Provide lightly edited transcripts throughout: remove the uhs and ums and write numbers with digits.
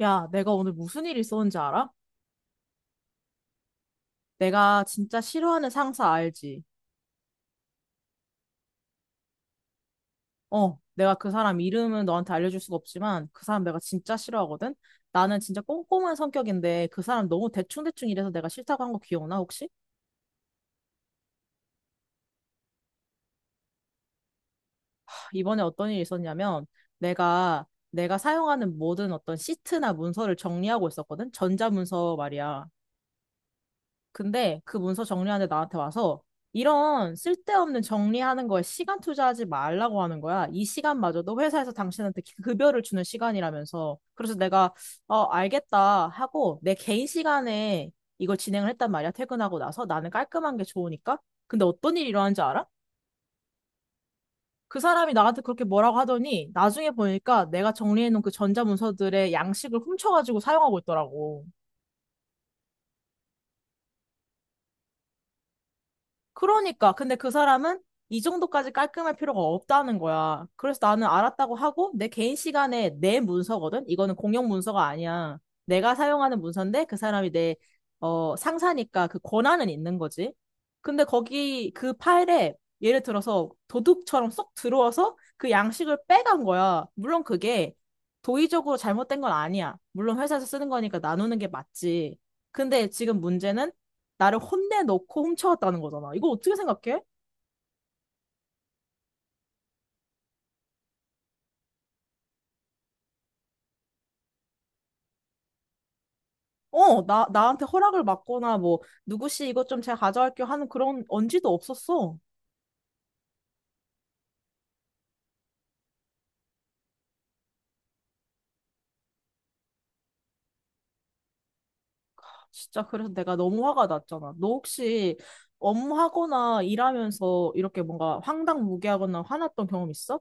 야, 내가 오늘 무슨 일 있었는지 알아? 내가 진짜 싫어하는 상사 알지? 어, 내가 그 사람 이름은 너한테 알려줄 수가 없지만 그 사람 내가 진짜 싫어하거든? 나는 진짜 꼼꼼한 성격인데 그 사람 너무 대충대충 일해서 내가 싫다고 한 거 기억나, 혹시? 하, 이번에 어떤 일이 있었냐면 내가 사용하는 모든 어떤 시트나 문서를 정리하고 있었거든? 전자문서 말이야. 근데 그 문서 정리하는데 나한테 와서 이런 쓸데없는 정리하는 거에 시간 투자하지 말라고 하는 거야. 이 시간마저도 회사에서 당신한테 급여를 주는 시간이라면서. 그래서 내가 알겠다 하고 내 개인 시간에 이걸 진행을 했단 말이야. 퇴근하고 나서 나는 깔끔한 게 좋으니까. 근데 어떤 일이 일어난지 알아? 그 사람이 나한테 그렇게 뭐라고 하더니 나중에 보니까 내가 정리해놓은 그 전자문서들의 양식을 훔쳐가지고 사용하고 있더라고. 그러니까. 근데 그 사람은 이 정도까지 깔끔할 필요가 없다는 거야. 그래서 나는 알았다고 하고 내 개인 시간에 내 문서거든? 이거는 공용 문서가 아니야. 내가 사용하는 문서인데 그 사람이 상사니까 그 권한은 있는 거지. 근데 거기 그 파일에 예를 들어서 도둑처럼 쏙 들어와서 그 양식을 빼간 거야. 물론 그게 도의적으로 잘못된 건 아니야. 물론 회사에서 쓰는 거니까 나누는 게 맞지. 근데 지금 문제는 나를 혼내놓고 훔쳐왔다는 거잖아. 이거 어떻게 생각해? 나한테 허락을 받거나 뭐, 누구씨 이것 좀 제가 가져갈게요 하는 그런 언지도 없었어. 진짜 그래서 내가 너무 화가 났잖아. 너 혹시 업무하거나 일하면서 이렇게 뭔가 황당무계하거나 화났던 경험 있어?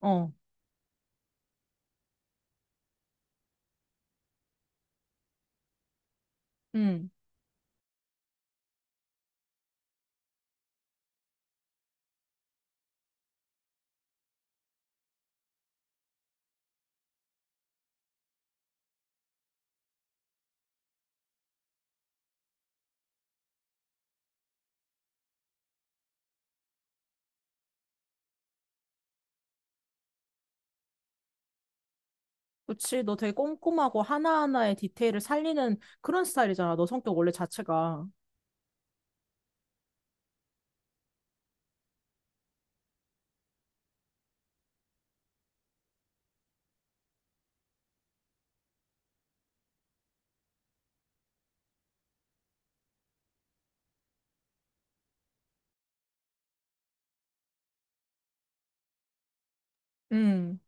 어, 응. 그치, 너 되게 꼼꼼하고 하나하나의 디테일을 살리는 그런 스타일이잖아. 너 성격 원래 자체가. 응.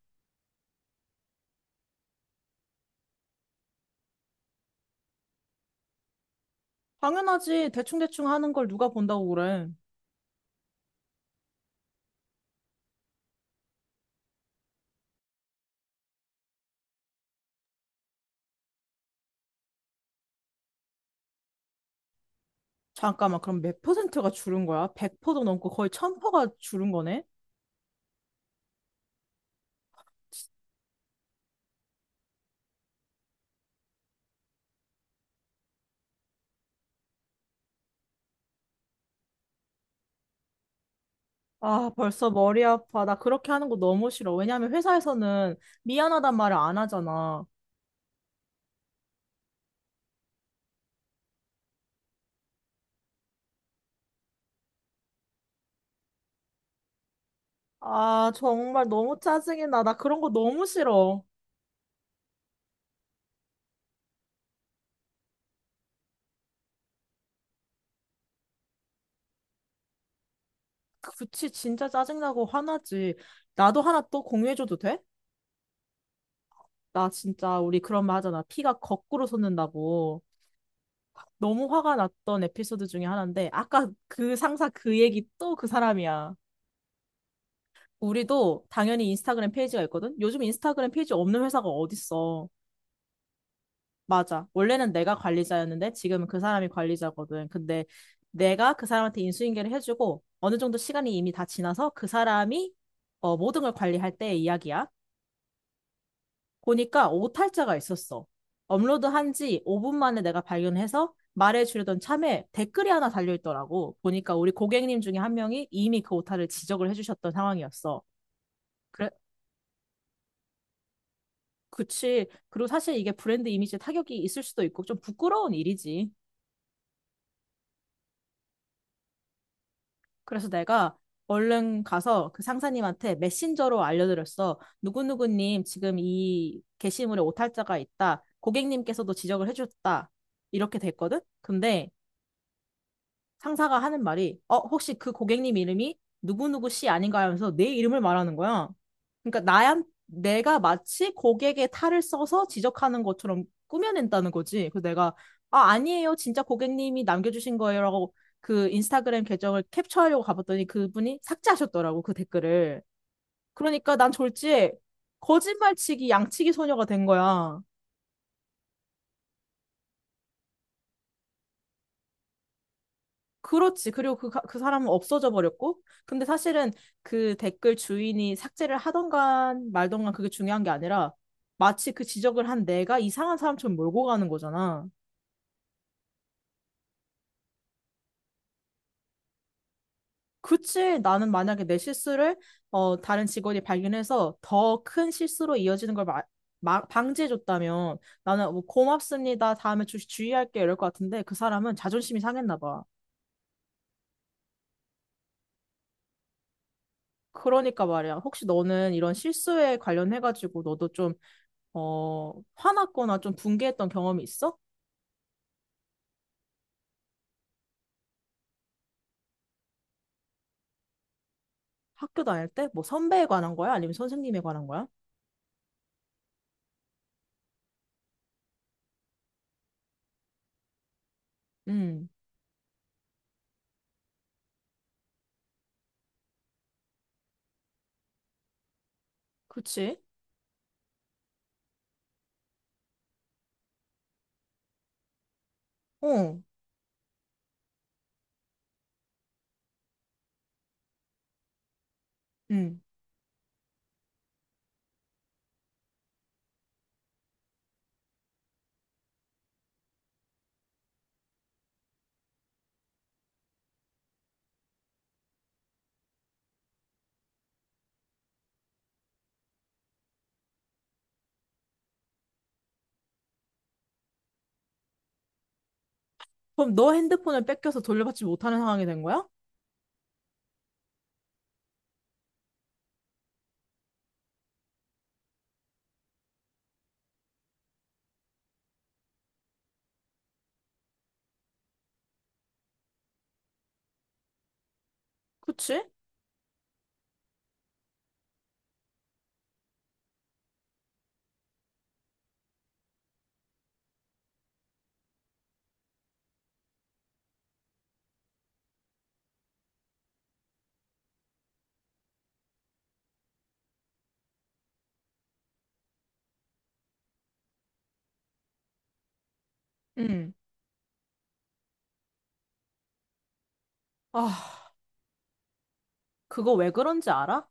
당연하지. 대충대충 하는 걸 누가 본다고 그래. 잠깐만, 그럼 몇 퍼센트가 줄은 거야? 100%도 넘고 거의 1000%가 줄은 거네? 아, 벌써 머리 아파. 나 그렇게 하는 거 너무 싫어. 왜냐면 회사에서는 미안하단 말을 안 하잖아. 아, 정말 너무 짜증이 나. 나 그런 거 너무 싫어. 그치, 진짜 짜증나고 화나지. 나도 하나 또 공유해줘도 돼? 나 진짜, 우리 그런 말 하잖아. 피가 거꾸로 솟는다고. 너무 화가 났던 에피소드 중에 하나인데, 아까 그 상사 그 얘기 또 그 사람이야. 우리도 당연히 인스타그램 페이지가 있거든? 요즘 인스타그램 페이지 없는 회사가 어딨어. 맞아. 원래는 내가 관리자였는데 지금은 그 사람이 관리자거든. 근데 내가 그 사람한테 인수인계를 해주고 어느 정도 시간이 이미 다 지나서 그 사람이 모든 걸 관리할 때의 이야기야. 보니까 오탈자가 있었어. 업로드한 지 5분 만에 내가 발견해서 말해주려던 참에 댓글이 하나 달려있더라고. 보니까 우리 고객님 중에 한 명이 이미 그 오타를 지적을 해주셨던 상황이었어. 그래, 그치. 그리고 사실 이게 브랜드 이미지에 타격이 있을 수도 있고 좀 부끄러운 일이지. 그래서 내가 얼른 가서 그 상사님한테 메신저로 알려드렸어. 누구누구님 지금 이 게시물에 오탈자가 있다. 고객님께서도 지적을 해주셨다. 이렇게 됐거든? 근데 상사가 하는 말이 어 혹시 그 고객님 이름이 누구누구 씨 아닌가 하면서 내 이름을 말하는 거야. 그러니까 나한 내가 마치 고객의 탈을 써서 지적하는 것처럼 꾸며낸다는 거지. 그래서 내가 아 아니에요 진짜 고객님이 남겨주신 거예요라고 그 인스타그램 계정을 캡처하려고 가봤더니 그분이 삭제하셨더라고 그 댓글을. 그러니까 난 졸지에 거짓말치기 양치기 소녀가 된 거야. 그렇지. 그리고 그 사람은 없어져 버렸고. 근데 사실은 그 댓글 주인이 삭제를 하던간 말던간 그게 중요한 게 아니라 마치 그 지적을 한 내가 이상한 사람처럼 몰고 가는 거잖아. 그치. 나는 만약에 내 실수를 다른 직원이 발견해서 더 큰 실수로 이어지는 걸 방지해줬다면 나는 뭐 고맙습니다. 다음에 주의할게. 이럴 것 같은데 그 사람은 자존심이 상했나 봐. 그러니까 말이야. 혹시 너는 이런 실수에 관련해가지고 너도 좀 화났거나 좀 분개했던 경험이 있어? 학교 다닐 때? 뭐 선배에 관한 거야? 아니면 선생님에 관한 거야? 음, 그치? 어, 음, 그럼 너 핸드폰을 뺏겨서 돌려받지 못하는 상황이 된 거야? 그치? 음, 아, 그거 왜 그런지 알아?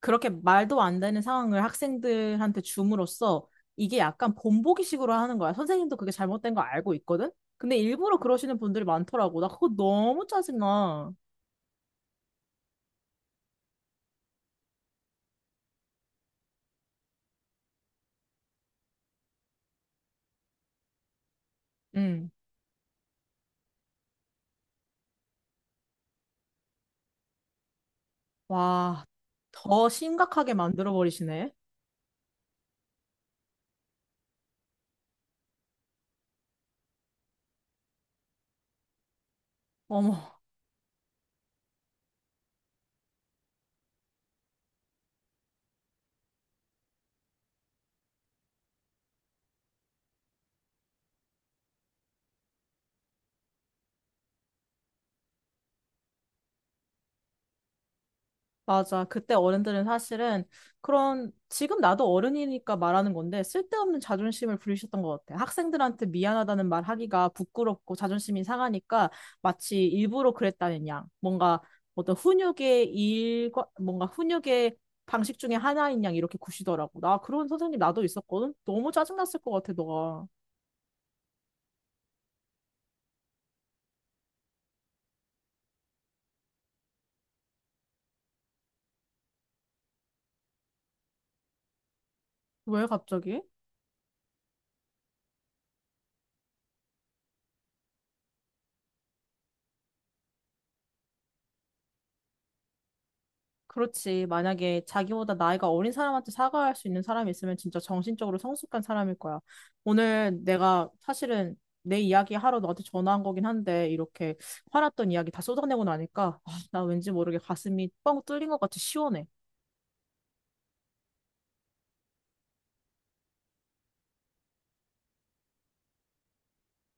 그렇게 말도 안 되는 상황을 학생들한테 줌으로써 이게 약간 본보기식으로 하는 거야. 선생님도 그게 잘못된 거 알고 있거든? 근데 일부러 그러시는 분들이 많더라고. 나 그거 너무 짜증나. 음. 와, 더 심각하게 만들어 버리시네. 어머, 맞아. 그때 어른들은 사실은 그런 지금 나도 어른이니까 말하는 건데 쓸데없는 자존심을 부리셨던 것 같아. 학생들한테 미안하다는 말 하기가 부끄럽고 자존심이 상하니까 마치 일부러 그랬다는 양. 뭔가 어떤 훈육의 일과 뭔가 훈육의 방식 중에 하나인 양 이렇게 구시더라고. 나 그런 선생님 나도 있었거든. 너무 짜증났을 것 같아, 너가. 왜 갑자기? 그렇지. 만약에 자기보다 나이가 어린 사람한테 사과할 수 있는 사람이 있으면 진짜 정신적으로 성숙한 사람일 거야. 오늘 내가 사실은 내 이야기 하러 너한테 전화한 거긴 한데 이렇게 화났던 이야기 다 쏟아내고 나니까 아, 나 왠지 모르게 가슴이 뻥 뚫린 것 같이 시원해.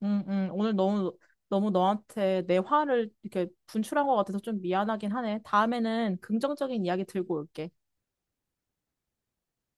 응, 응. 오늘 너무 너무 너한테 내 화를 이렇게 분출한 것 같아서 좀 미안하긴 하네. 다음에는 긍정적인 이야기 들고 올게.